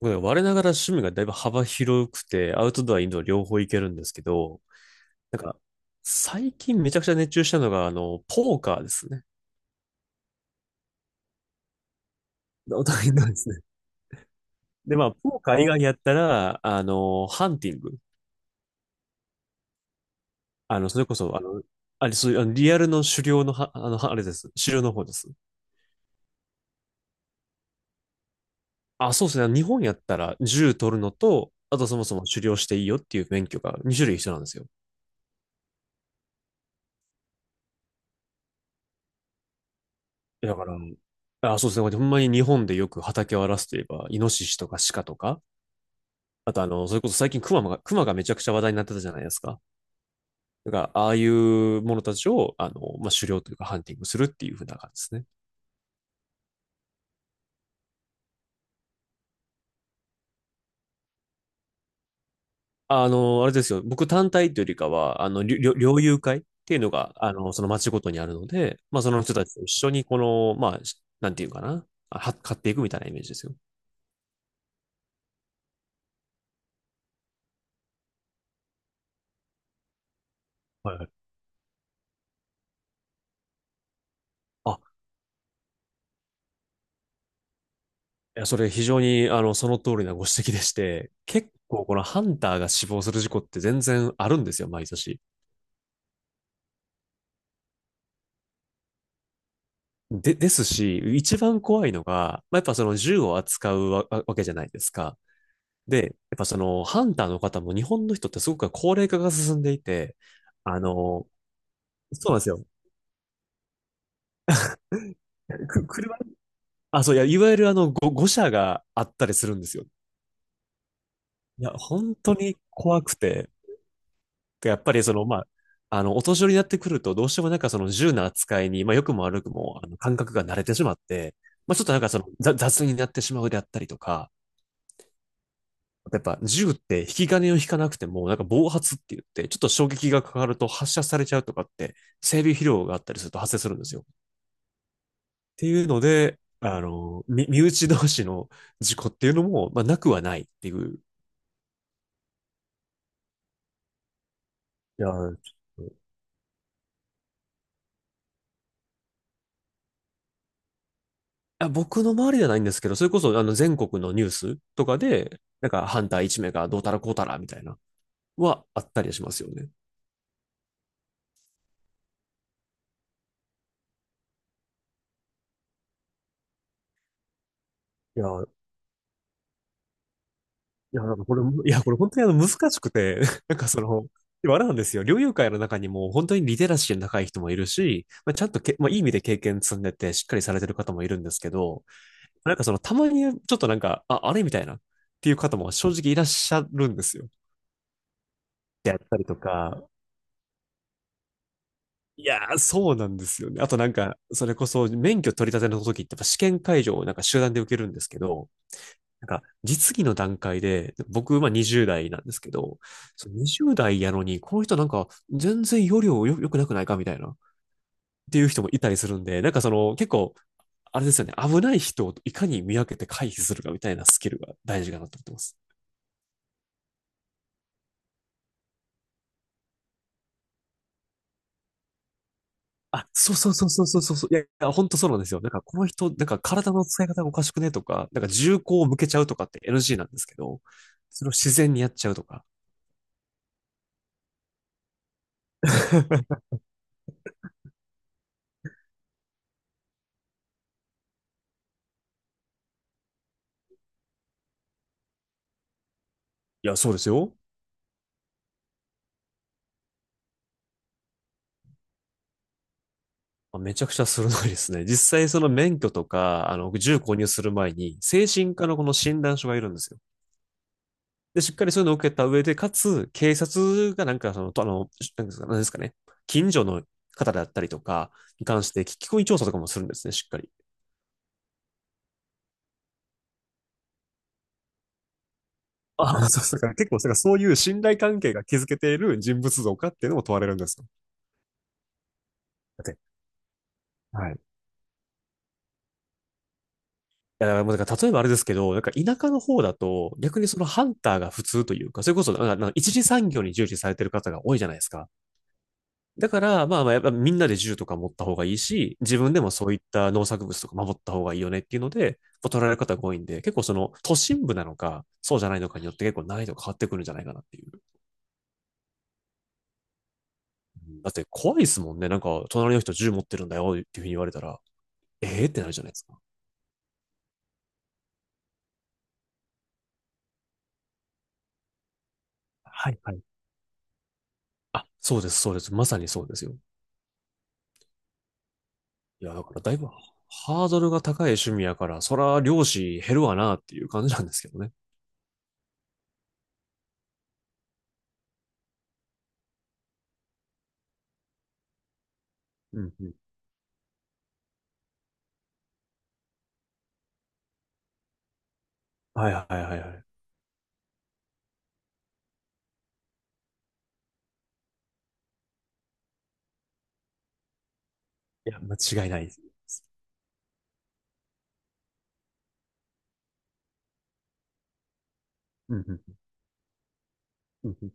僕ね我ながら趣味がだいぶ幅広くて、アウトドア、インドア両方いけるんですけど、なんか、最近めちゃくちゃ熱中したのが、ポーカーですね。お互いのですね。まあ、ポーカー以外やったら、ハンティング。それこそ、あの、あれ、そういう、あのリアルの狩猟のは、あれです。狩猟の方です。あ、そうですね。日本やったら、銃取るのと、あとそもそも狩猟していいよっていう免許が2種類必要なんですよ。だから、あ、そうですね。ほんまに日本でよく畑を荒らすといえば、イノシシとかシカとか、あとそれこそ最近クマがめちゃくちゃ話題になってたじゃないですか。だから、ああいうものたちを、まあ、狩猟というかハンティングするっていう風な感じですね。あれですよ。僕単体というよりかは、猟友会っていうのが、その町ごとにあるので、まあ、その人たちと一緒に、まあ、なんていうかな、買っていくみたいなイメージですよ。はいはい。あ、いや、それ非常に、その通りなご指摘でして、結構このハンターが死亡する事故って全然あるんですよ、毎年。ですし、一番怖いのが、まあ、やっぱその銃を扱うわけじゃないですか。やっぱそのハンターの方も日本の人ってすごく高齢化が進んでいて、あの、そうなんですよ。く、車、あ、そう、いや、いわゆる誤射があったりするんですよ。いや、本当に怖くて、やっぱりお年寄りになってくると、どうしてもなんかその銃の扱いに、まあ、良くも悪くも、感覚が慣れてしまって、まあ、ちょっとなんかその、雑になってしまうであったりとか、やっぱ銃って引き金を引かなくても、なんか暴発って言って、ちょっと衝撃がかかると発射されちゃうとかって、整備疲労があったりすると発生するんですよ。っていうので、身内同士の事故っていうのも、まあ、なくはないっていう。いやー、僕の周りではないんですけど、それこそあの全国のニュースとかで、なんかハンター1名がどうたらこうたらみたいな、はあったりしますよね。いやー、いや、なんかこれ、いや、これ本当にあの難しくて、なんかその、でもあれなんですよ。猟友会の中にも本当にリテラシーの高い人もいるし、まあ、ちゃんとけ、まあ、いい意味で経験積んでてしっかりされてる方もいるんですけど、なんかそのたまにちょっとなんかあれみたいなっていう方も正直いらっしゃるんですよ。やったりとか。いやー、そうなんですよね。あとなんか、それこそ免許取り立ての時ってやっぱ試験会場をなんか集団で受けるんですけど、なんか、実技の段階で、僕、まあ20代なんですけど、その20代やのに、この人なんか、全然要領良くなくないかみたいな、っていう人もいたりするんで、あれですよね、危ない人をいかに見分けて回避するかみたいなスキルが大事かなと思ってます。あ、そうそうそうそうそうそうそう。いや、いや、本当そうなんですよ。なんかこの人、なんか体の使い方がおかしくねとか、なんか銃口を向けちゃうとかって NG なんですけど、それを自然にやっちゃうとか。いや、そうですよ。あめちゃくちゃ鋭いですね。実際その免許とか、銃購入する前に、精神科のこの診断書がいるんですよ。で、しっかりそういうのを受けた上で、かつ、警察がなんかその、とあの、なんですか、なんですかね、近所の方だったりとかに関して聞き込み調査とかもするんですね、しっかり。ああ、そうそう、だから結構、だからそういう信頼関係が築けている人物像かっていうのも問われるんですよ。だって。はい。いや、だからもうだから例えばあれですけど、なんか田舎の方だと、逆にそのハンターが普通というか、それこそ、なんか一次産業に従事されてる方が多いじゃないですか。だから、まあまあ、やっぱみんなで銃とか持った方がいいし、自分でもそういった農作物とか守った方がいいよねっていうので、こう取られる方が多いんで、結構その都心部なのか、そうじゃないのかによって結構難易度変わってくるんじゃないかなっていう。うんだって怖いですもんね。なんか、隣の人銃持ってるんだよっていうふうに言われたら、ええーってなるじゃないですか。はいはい。あ、そうです、そうです。まさにそうですよ。いや、だからだいぶハードルが高い趣味やから、そら漁師減るわなっていう感じなんですけどね。うんうん。はいはいはいはい。いや、間違いないです。うんうん。うんうん、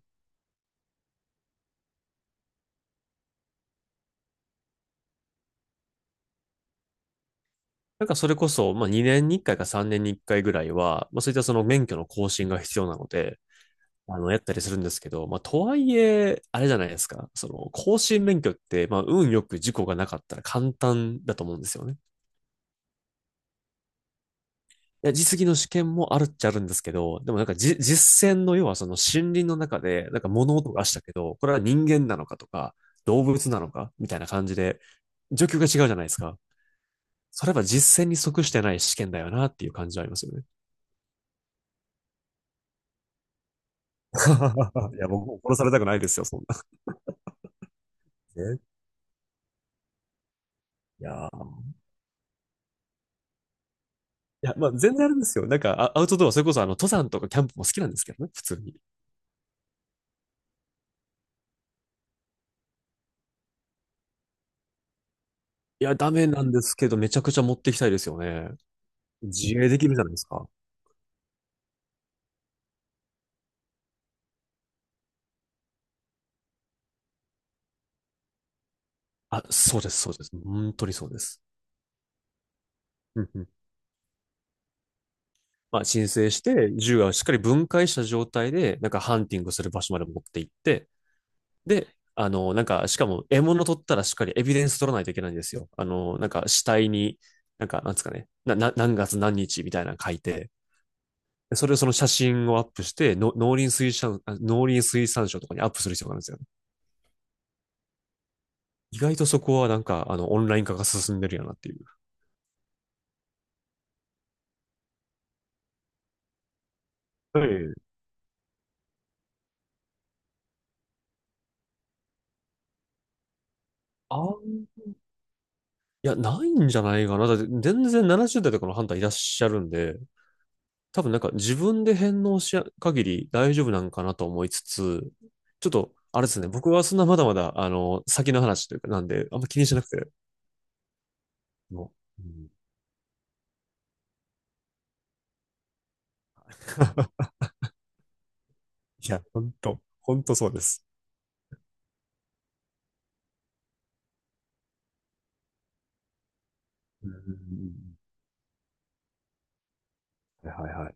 なんかそれこそ、まあ2年に1回か3年に1回ぐらいは、まあそういったその免許の更新が必要なので、やったりするんですけど、まあとはいえ、あれじゃないですか。その、更新免許って、まあ運よく事故がなかったら簡単だと思うんですよね。いや、実技の試験もあるっちゃあるんですけど、でもなんか実践の要はその森林の中で、なんか物音がしたけど、これは人間なのかとか、動物なのかみたいな感じで、状況が違うじゃないですか。それは実践に即してない試験だよなっていう感じはありますよね。いや、僕も殺されたくないですよ、そんな。ね。いやー、いまあ、全然あれですよ。アウトドア、それこそ、登山とかキャンプも好きなんですけどね、普通に。いや、ダメなんですけど、めちゃくちゃ持ってきたいですよね。自衛できるじゃないですか。あ、そうです、そうです。本当にそうです。うんうん。まあ、申請して、銃がしっかり分解した状態で、なんか、ハンティングする場所まで持って行って、で、あの、なんか、しかも、獲物取ったらしっかりエビデンス取らないといけないんですよ。なんか、死体に、なんか、なんですかね、何月何日みたいなの書いて、それをその写真をアップして、の農林水産、あ農林水産省とかにアップする必要があるんですよね。意外とそこはなんか、オンライン化が進んでるやなっていう。はい。ああ。いや、ないんじゃないかな。だって、全然70代とかのハンターいらっしゃるんで、多分なんか自分で返納しや限り大丈夫なんかなと思いつつ、ちょっと、あれですね、僕はそんなまだまだ、先の話というか、なんで、あんま気にしなくて、もう。うん。 いや、ほんと、ほんとそうです。うんうんうん、はいはいはい、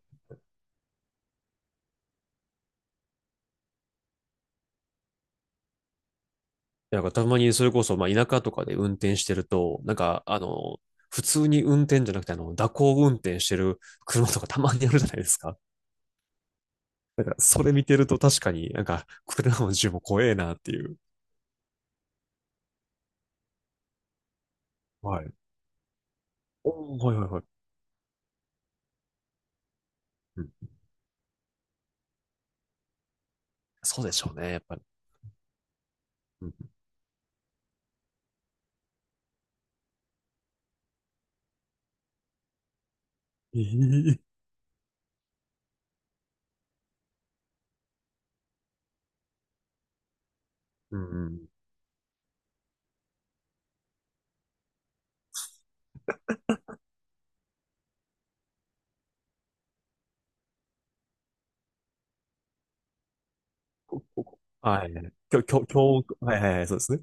なんかたまにそれこそ、まあ、田舎とかで運転してると、普通に運転じゃなくて、蛇行運転してる車とかたまにあるじゃないですか。なんか、それ見てると確かになんか、車の銃も怖えなっていう。はい。おー、はいはいはい。うん、そうでしょうね、やっぱり。うん。ええ、うんうん。こここ、はい。今日、今、はいはいはい、そうですね。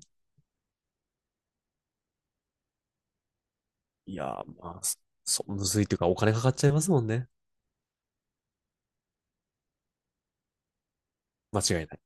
いやー、まあ、そ、そむずいというか、お金かかっちゃいますもんね。間違いない。